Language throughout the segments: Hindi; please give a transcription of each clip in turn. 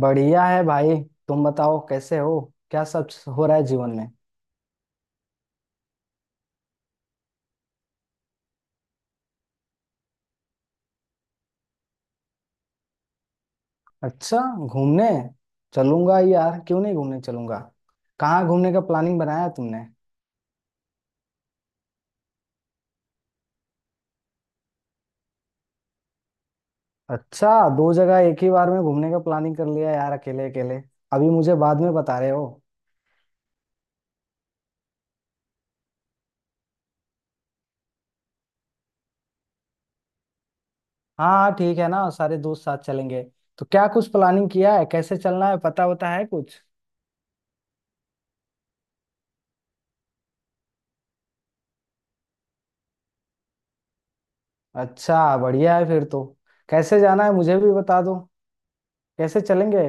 बढ़िया है भाई। तुम बताओ कैसे हो, क्या सब हो रहा है जीवन में। अच्छा, घूमने चलूंगा यार, क्यों नहीं घूमने चलूंगा। कहाँ घूमने का प्लानिंग बनाया तुमने? अच्छा, दो जगह एक ही बार में घूमने का प्लानिंग कर लिया यार अकेले अकेले, अभी मुझे बाद में बता रहे हो। हाँ हाँ, ठीक है ना, सारे दोस्त साथ चलेंगे। तो क्या कुछ प्लानिंग किया है, कैसे चलना है पता होता है कुछ? अच्छा, बढ़िया है फिर तो। कैसे जाना है मुझे भी बता दो, कैसे चलेंगे?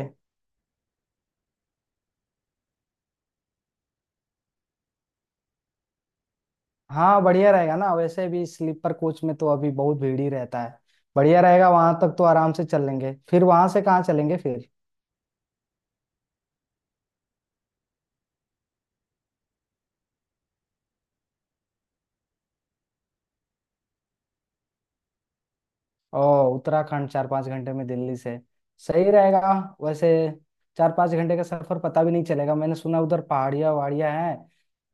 हाँ बढ़िया रहेगा ना, वैसे भी स्लीपर कोच में तो अभी बहुत भीड़ ही रहता है। बढ़िया रहेगा, वहां तक तो आराम से चल लेंगे, फिर वहां से कहाँ चलेंगे फिर? ओ, उत्तराखंड 4-5 घंटे में दिल्ली से? सही रहेगा वैसे। 4-5 घंटे का सफर पता भी नहीं चलेगा। मैंने सुना उधर पहाड़ियाँ वहाड़ियाँ हैं,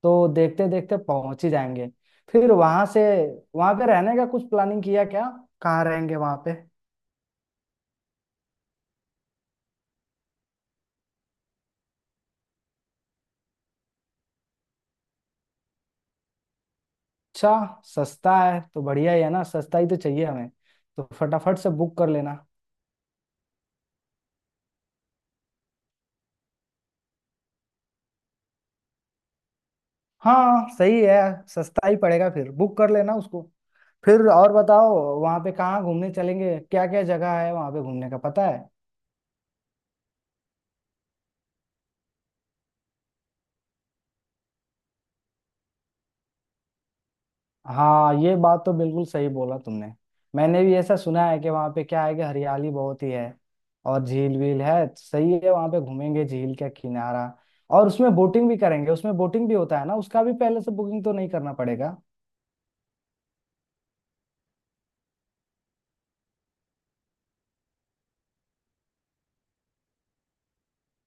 तो देखते देखते पहुंच ही जाएंगे। फिर वहां से, वहां पे रहने का कुछ प्लानिंग किया क्या? कहाँ रहेंगे वहां पे? अच्छा, सस्ता है तो बढ़िया ही है ना, सस्ता ही तो चाहिए हमें, तो फटाफट से बुक कर लेना। हाँ सही है, सस्ता ही पड़ेगा, फिर बुक कर लेना उसको। फिर और बताओ, वहाँ पे कहाँ घूमने चलेंगे? क्या क्या जगह है वहाँ पे घूमने का पता है? हाँ, ये बात तो बिल्कुल सही बोला तुमने। मैंने भी ऐसा सुना है कि वहाँ पे क्या है कि हरियाली बहुत ही है। और झील वील है तो सही है, वहाँ पे घूमेंगे झील का किनारा, और उसमें बोटिंग भी करेंगे। उसमें बोटिंग भी होता है ना? उसका भी पहले से बुकिंग तो नहीं करना पड़ेगा?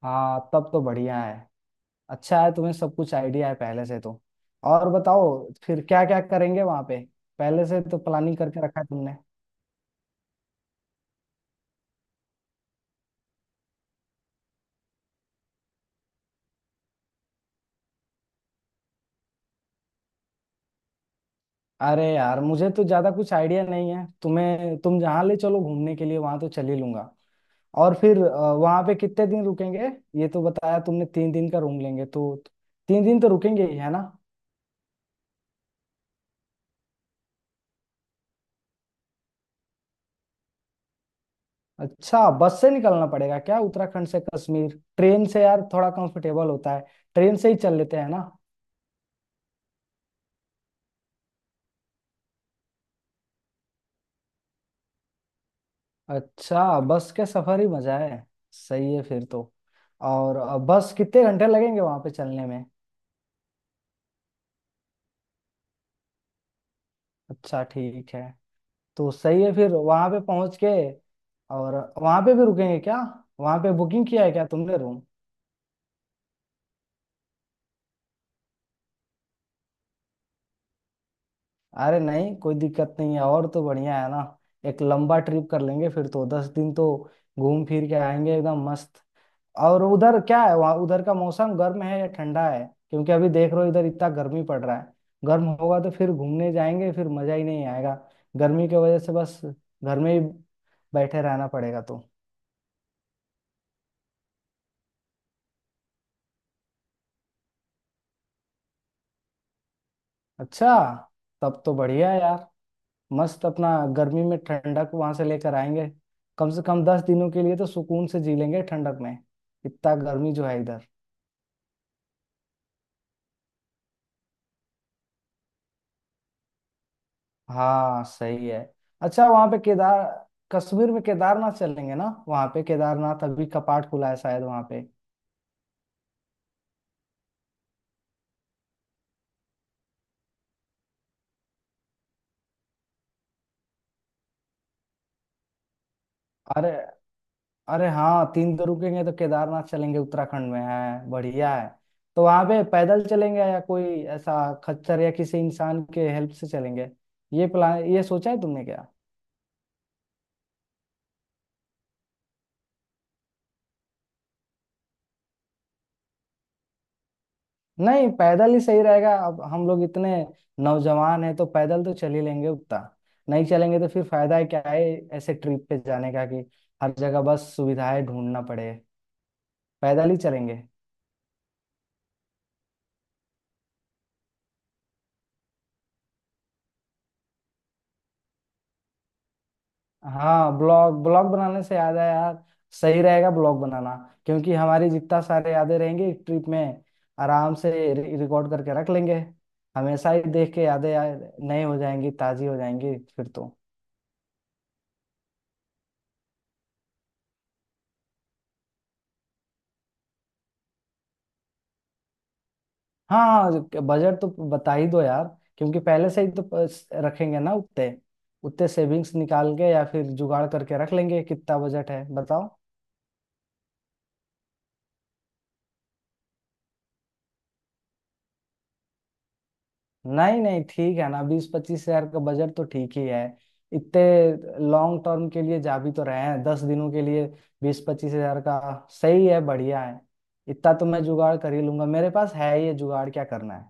हाँ तब तो बढ़िया है। अच्छा है, तुम्हें सब कुछ आइडिया है पहले से तो। और बताओ, फिर क्या क्या करेंगे वहां पे, पहले से तो प्लानिंग करके रखा है तुमने? अरे यार, मुझे तो ज्यादा कुछ आइडिया नहीं है, तुम्हें तुम जहाँ ले चलो घूमने के लिए वहां तो चल ही लूंगा। और फिर वहां पे कितने दिन रुकेंगे? ये तो बताया तुमने, 3 दिन का रूम लेंगे तो 3 दिन तो रुकेंगे ही है ना। अच्छा, बस से निकलना पड़ेगा क्या उत्तराखंड से कश्मीर? ट्रेन से यार थोड़ा कंफर्टेबल होता है, ट्रेन से ही चल लेते हैं ना। अच्छा, बस के सफर ही मजा है। सही है फिर तो। और बस कितने घंटे लगेंगे वहां पे चलने में? अच्छा ठीक है, तो सही है फिर वहां पे पहुंच के। और वहां पे भी रुकेंगे क्या? वहां पे बुकिंग किया है क्या तुमने रूम? अरे नहीं कोई दिक्कत नहीं है, और तो बढ़िया है ना। एक लंबा ट्रिप कर लेंगे फिर तो, 10 दिन तो घूम फिर के आएंगे एकदम मस्त। और उधर क्या है, वहाँ उधर का मौसम गर्म है या ठंडा है? क्योंकि अभी देख रहे हो इधर इतना गर्मी पड़ रहा है। गर्म होगा तो फिर घूमने जाएंगे फिर मजा ही नहीं आएगा, गर्मी की वजह से बस घर में ही बैठे रहना पड़ेगा तो। अच्छा, तब तो बढ़िया है यार, मस्त। अपना गर्मी में ठंडक वहां से लेकर आएंगे। कम से कम 10 दिनों के लिए तो सुकून से जी लेंगे ठंडक में, इतना गर्मी जो है इधर। हाँ सही है। अच्छा, वहां पे केदार, कश्मीर में केदारनाथ चलेंगे ना? वहां पे केदारनाथ अभी कपाट खुला है शायद वहां पे। अरे, अरे हाँ, 3 दिन रुकेंगे तो केदारनाथ चलेंगे, उत्तराखंड में है, बढ़िया है। तो वहां पे पैदल चलेंगे या कोई ऐसा खच्चर या किसी इंसान के हेल्प से चलेंगे, ये प्लान ये सोचा है तुमने क्या? नहीं, पैदल ही सही रहेगा, अब हम लोग इतने नौजवान हैं तो पैदल तो चल ही लेंगे उतना। नहीं चलेंगे तो फिर फायदा है क्या है ऐसे ट्रिप पे जाने का, कि हर जगह बस सुविधाएं ढूंढना पड़े। पैदल ही चलेंगे। हाँ, ब्लॉग, ब्लॉग बनाने से याद है यार, सही रहेगा ब्लॉग बनाना। क्योंकि हमारी जितना सारे यादें रहेंगी ट्रिप में, आराम से रिकॉर्ड करके रख लेंगे, हमेशा ही देख के यादें यार नए हो जाएंगी, ताजी हो जाएंगी फिर तो। हाँ, बजट तो बता ही दो यार, क्योंकि पहले से ही तो रखेंगे ना उतने, उतने सेविंग्स निकाल के या फिर जुगाड़ करके रख लेंगे, कितना बजट है बताओ। नहीं नहीं ठीक है ना, 20-25 हजार का बजट तो ठीक ही है। इतने लॉन्ग टर्म के लिए जा भी तो रहे हैं, 10 दिनों के लिए। 20-25 हजार का, सही है, बढ़िया है। इतना तो मैं जुगाड़ कर ही लूंगा, मेरे पास है ये जुगाड़, क्या करना है।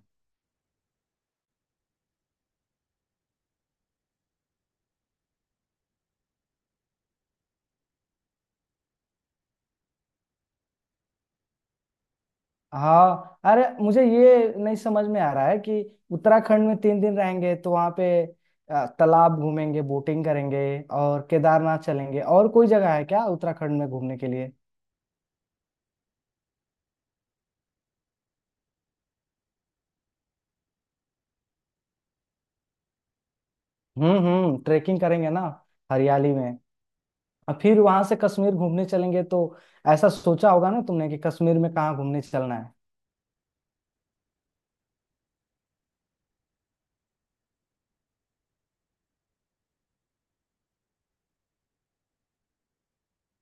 हाँ, अरे मुझे ये नहीं समझ में आ रहा है कि उत्तराखंड में 3 दिन रहेंगे तो वहाँ पे तालाब घूमेंगे, बोटिंग करेंगे और केदारनाथ चलेंगे, और कोई जगह है क्या उत्तराखंड में घूमने के लिए? हम्म, ट्रेकिंग करेंगे ना, हरियाली में। और फिर वहां से कश्मीर घूमने चलेंगे तो, ऐसा सोचा होगा ना तुमने कि कश्मीर में कहाँ घूमने चलना है?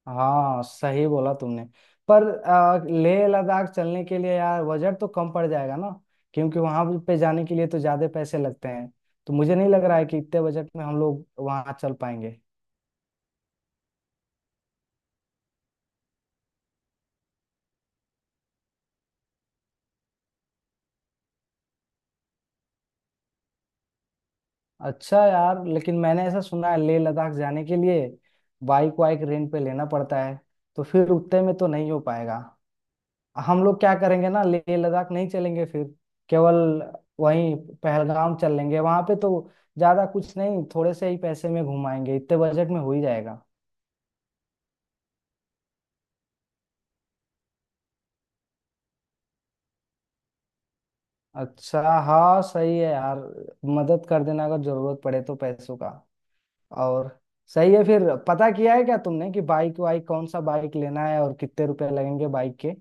हाँ सही बोला तुमने। पर लेह लद्दाख चलने के लिए यार बजट तो कम पड़ जाएगा ना, क्योंकि वहां पे जाने के लिए तो ज्यादा पैसे लगते हैं। तो मुझे नहीं लग रहा है कि इतने बजट में हम लोग वहां चल पाएंगे। अच्छा यार, लेकिन मैंने ऐसा सुना है लेह लद्दाख जाने के लिए बाइक वाइक रेंट पे लेना पड़ता है, तो फिर उतने में तो नहीं हो पाएगा। हम लोग क्या करेंगे ना, लेह लद्दाख नहीं चलेंगे फिर, केवल वहीं पहलगाम चल लेंगे। वहां पे तो ज्यादा कुछ नहीं, थोड़े से ही पैसे में घुमाएंगे, इतने बजट में हो ही जाएगा। अच्छा, हाँ सही है यार, मदद कर देना अगर जरूरत पड़े तो पैसों का। और सही है, फिर पता किया है क्या तुमने कि बाइक वाइक कौन सा बाइक लेना है और कितने रुपए लगेंगे बाइक के?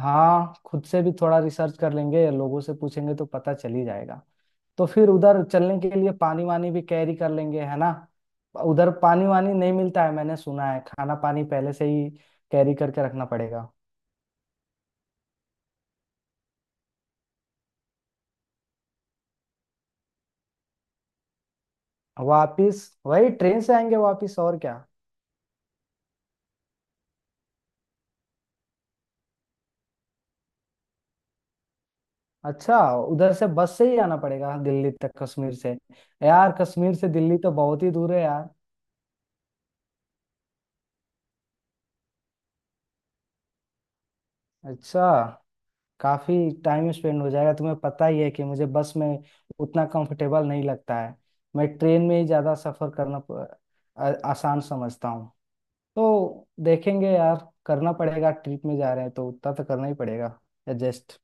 हाँ खुद से भी थोड़ा रिसर्च कर लेंगे, लोगों से पूछेंगे तो पता चल ही जाएगा। तो फिर उधर चलने के लिए पानी वानी भी कैरी कर लेंगे है ना, उधर पानी वानी नहीं मिलता है मैंने सुना है, खाना पानी पहले से ही कैरी करके रखना पड़ेगा। वापिस वही ट्रेन से आएंगे वापिस, और क्या? अच्छा, उधर से बस से ही आना पड़ेगा दिल्ली तक कश्मीर से? यार कश्मीर से दिल्ली तो बहुत ही दूर है यार। अच्छा, काफी टाइम स्पेंड हो जाएगा। तुम्हें पता ही है कि मुझे बस में उतना कंफर्टेबल नहीं लगता है। मैं ट्रेन में ही ज्यादा सफर करना आसान समझता हूँ। तो देखेंगे यार, करना पड़ेगा, ट्रिप में जा रहे हैं तो उतना तो करना ही पड़ेगा एडजस्ट।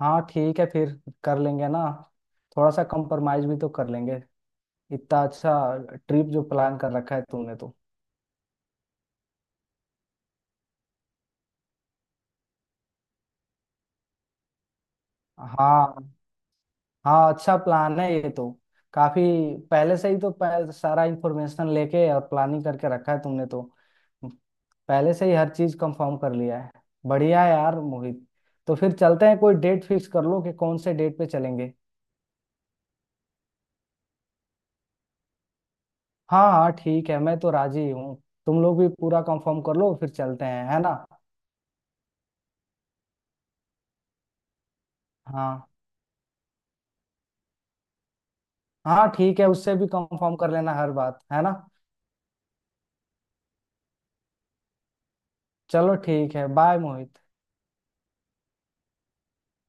हाँ ठीक है फिर, कर लेंगे ना, थोड़ा सा कंप्रोमाइज भी तो कर लेंगे, इतना अच्छा ट्रिप जो प्लान कर रखा है तुमने तो। हाँ हाँ, अच्छा प्लान है ये तो, काफी पहले से ही तो सारा इंफॉर्मेशन लेके और प्लानिंग करके रखा है तुमने तो, पहले से ही हर चीज कंफर्म कर लिया है। बढ़िया है यार मोहित। तो फिर चलते हैं, कोई डेट फिक्स कर लो कि कौन से डेट पे चलेंगे। हाँ हाँ ठीक है, मैं तो राजी हूँ, तुम लोग भी पूरा कंफर्म कर लो, फिर चलते हैं है ना। हाँ हाँ ठीक है, उससे भी कंफर्म कर लेना हर बात है ना। चलो ठीक है, बाय मोहित।